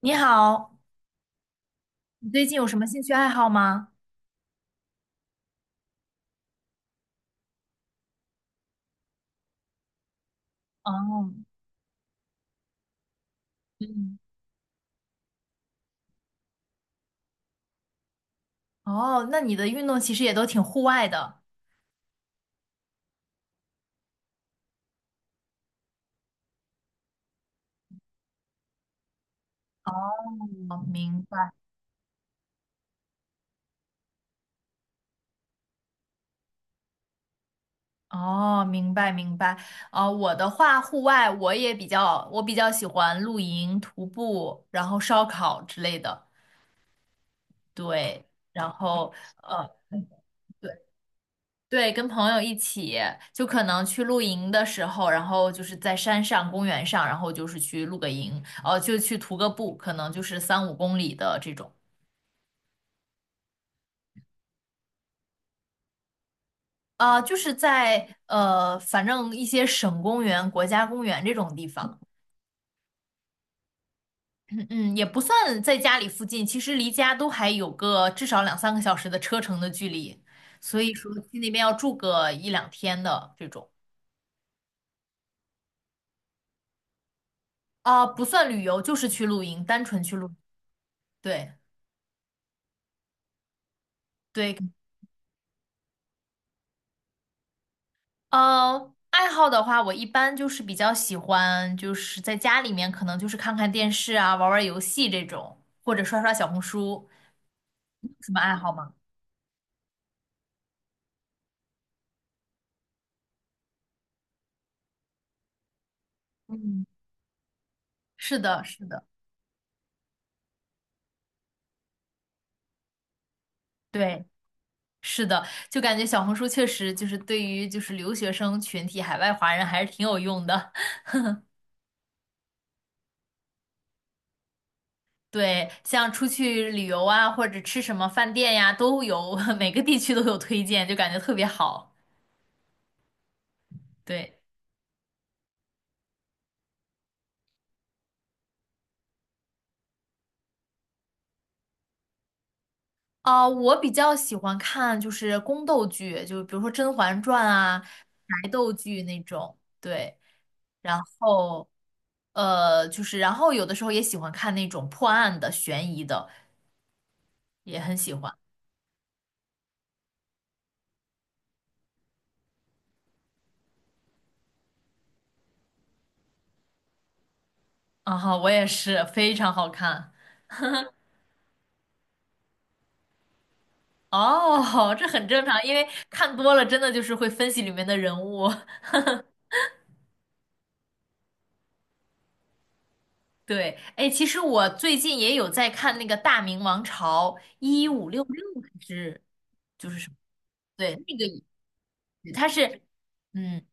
你好，你最近有什么兴趣爱好吗？哦，嗯，哦，那你的运动其实也都挺户外的。我明白。哦，明白明白。啊，我的话，户外我也比较，我比较喜欢露营、徒步，然后烧烤之类的。对，然后呃，嗯对对，跟朋友一起，就可能去露营的时候，然后就是在山上、公园上，然后就是去露个营，就去徒个步，可能就是三五公里的这种。啊、就是在反正一些省公园、国家公园这种地方，嗯也不算在家里附近，其实离家都还有个至少两三个小时的车程的距离，所以说去那边要住个一两天的这种，啊、不算旅游，就是去露营，单纯去露营对对，呃，爱好的话，我一般就是比较喜欢，就是在家里面可能就是看看电视啊，玩玩游戏这种，或者刷刷小红书，有什么爱好吗？嗯。是的，是的，对，是的，就感觉小红书确实就是对于就是留学生群体、海外华人还是挺有用的。对，像出去旅游啊，或者吃什么饭店呀，都有，每个地区都有推荐，就感觉特别好。对，啊、我比较喜欢看就是宫斗剧，就比如说《甄嬛传》啊，对，然后就是然后有的时候也喜欢看那种破案的、悬疑的，也很喜欢。啊哈，我也是，非常好看。哦，这很正常，因为看多了，真的就是会分析里面的人物。对，哎，其实我最近也有在看那个《大明王朝一五六六》，还是就是什么？对，那个也它是，嗯，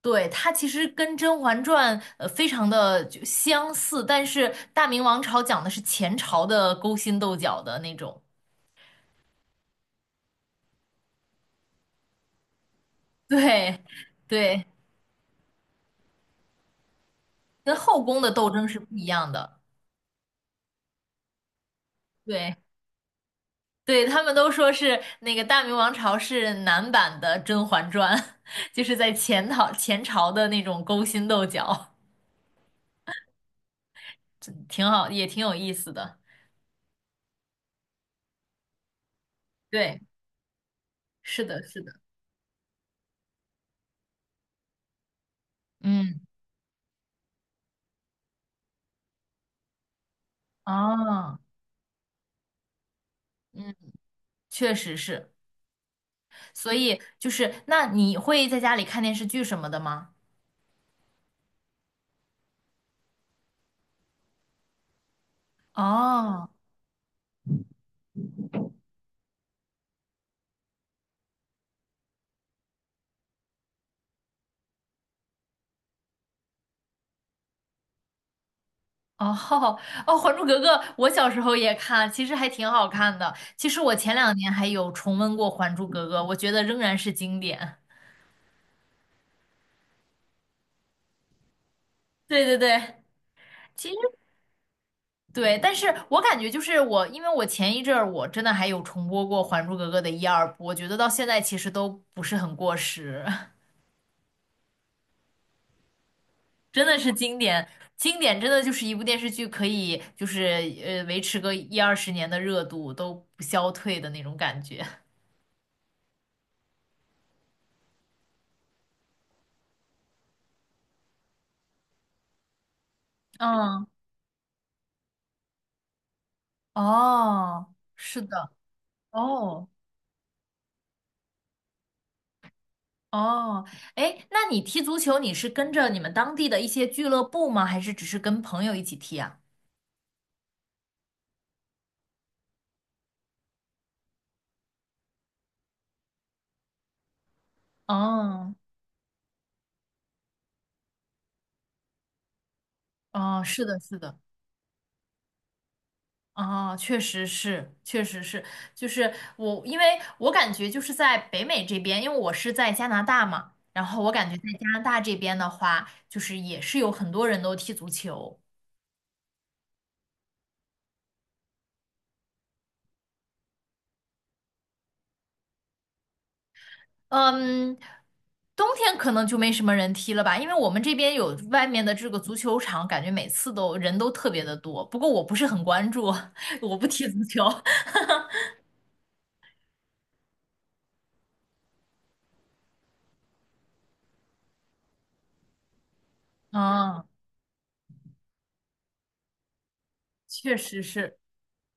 对，它其实跟《甄嬛传》非常的就相似，但是《大明王朝》讲的是前朝的勾心斗角的那种，对，对，跟后宫的斗争是不一样的。对。对，他们都说是那个《大明王朝》是男版的《甄嬛传》，就是在前朝的那种勾心斗角，挺好，也挺有意思的。对，是的，是的，嗯，哦，嗯，确实是。所以就是，那你会在家里看电视剧什么的吗？哦。哦哦，哦《还珠格格》我小时候也看，其实还挺好看的。其实我前两年还有重温过《还珠格格》，我觉得仍然是经典。对对对，其实对，但是我感觉就是我，因为我前一阵儿我真的还有重播过《还珠格格》的一二部，我觉得到现在其实都不是很过时，真的是经典，经典真的就是一部电视剧可以就是维持个一二十年的热度都不消退的那种感觉。嗯，哦，是的，哦哦，哎，那你踢足球你是跟着你们当地的一些俱乐部吗？还是只是跟朋友一起踢啊？哦哦，是的，是的。哦，确实是，确实是，就是我，因为我感觉就是在北美这边，因为我是在加拿大嘛，然后我感觉在加拿大这边的话，就是也是有很多人都踢足球，嗯，冬天可能就没什么人踢了吧，因为我们这边有外面的这个足球场，感觉每次都人都特别的多，不过我不是很关注，我不踢足球，嗯，确实是，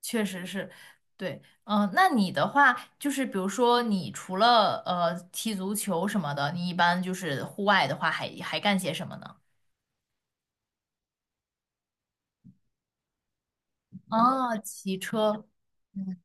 确实是，对，嗯、那你的话就是，比如说你除了踢足球什么的，你一般就是户外的话还，还干些什么呢？啊，骑车。嗯，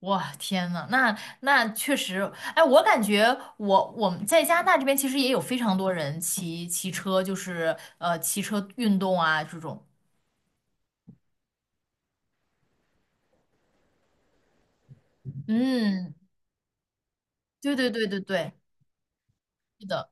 哇，天呐，那那确实，哎，我感觉我们在加拿大这边其实也有非常多人骑车，就是骑车运动啊这种。嗯，对对对对对，是的。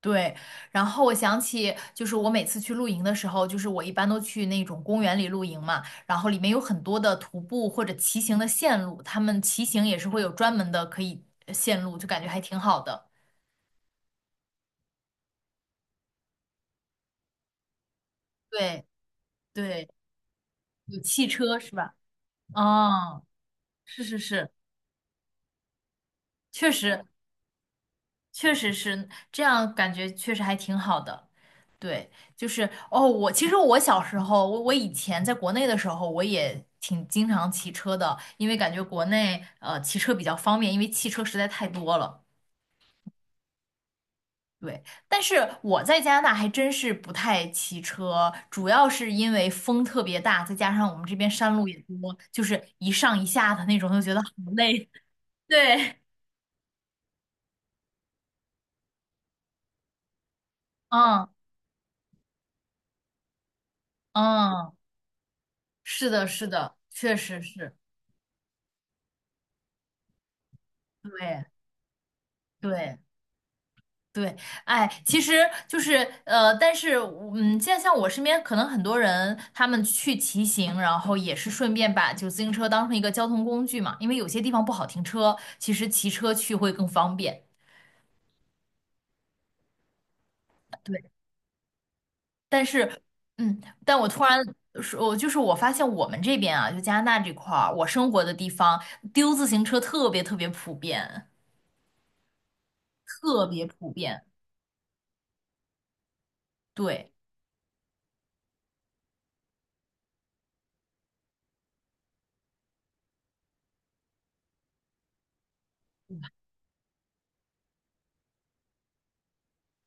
对，然后我想起，就是我每次去露营的时候，就是我一般都去那种公园里露营嘛，然后里面有很多的徒步或者骑行的线路，他们骑行也是会有专门的可以线路，就感觉还挺好的。对对，有汽车是吧？哦，是是是，确实确实是这样，感觉确实还挺好的。对，就是哦，我其实我小时候，我以前在国内的时候，我也挺经常骑车的，因为感觉国内骑车比较方便，因为汽车实在太多了。对，但是我在加拿大还真是不太骑车，主要是因为风特别大，再加上我们这边山路也多，就是一上一下的那种，就觉得好累。对，嗯嗯，是的，是的，确实是，对对。对，哎，其实就是但是嗯，现在像我身边可能很多人，他们去骑行，然后也是顺便把就自行车当成一个交通工具嘛，因为有些地方不好停车，其实骑车去会更方便。对，但是嗯，但我突然说，我就是我发现我们这边啊，就加拿大这块儿，我生活的地方丢自行车特别特别普遍，特别普遍。对。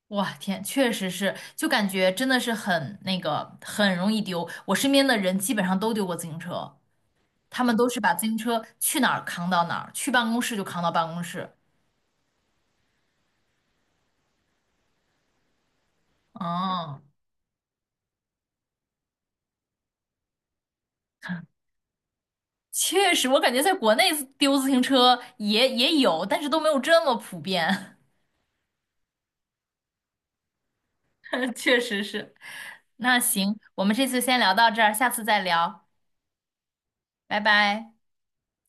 哇天，确实是，就感觉真的是很那个，很容易丢。我身边的人基本上都丢过自行车，他们都是把自行车去哪儿扛到哪儿，去办公室就扛到办公室。嗯，确实，我感觉在国内丢自行车也也有，但是都没有这么普遍。确实是。那行，我们这次先聊到这儿，下次再聊，拜拜。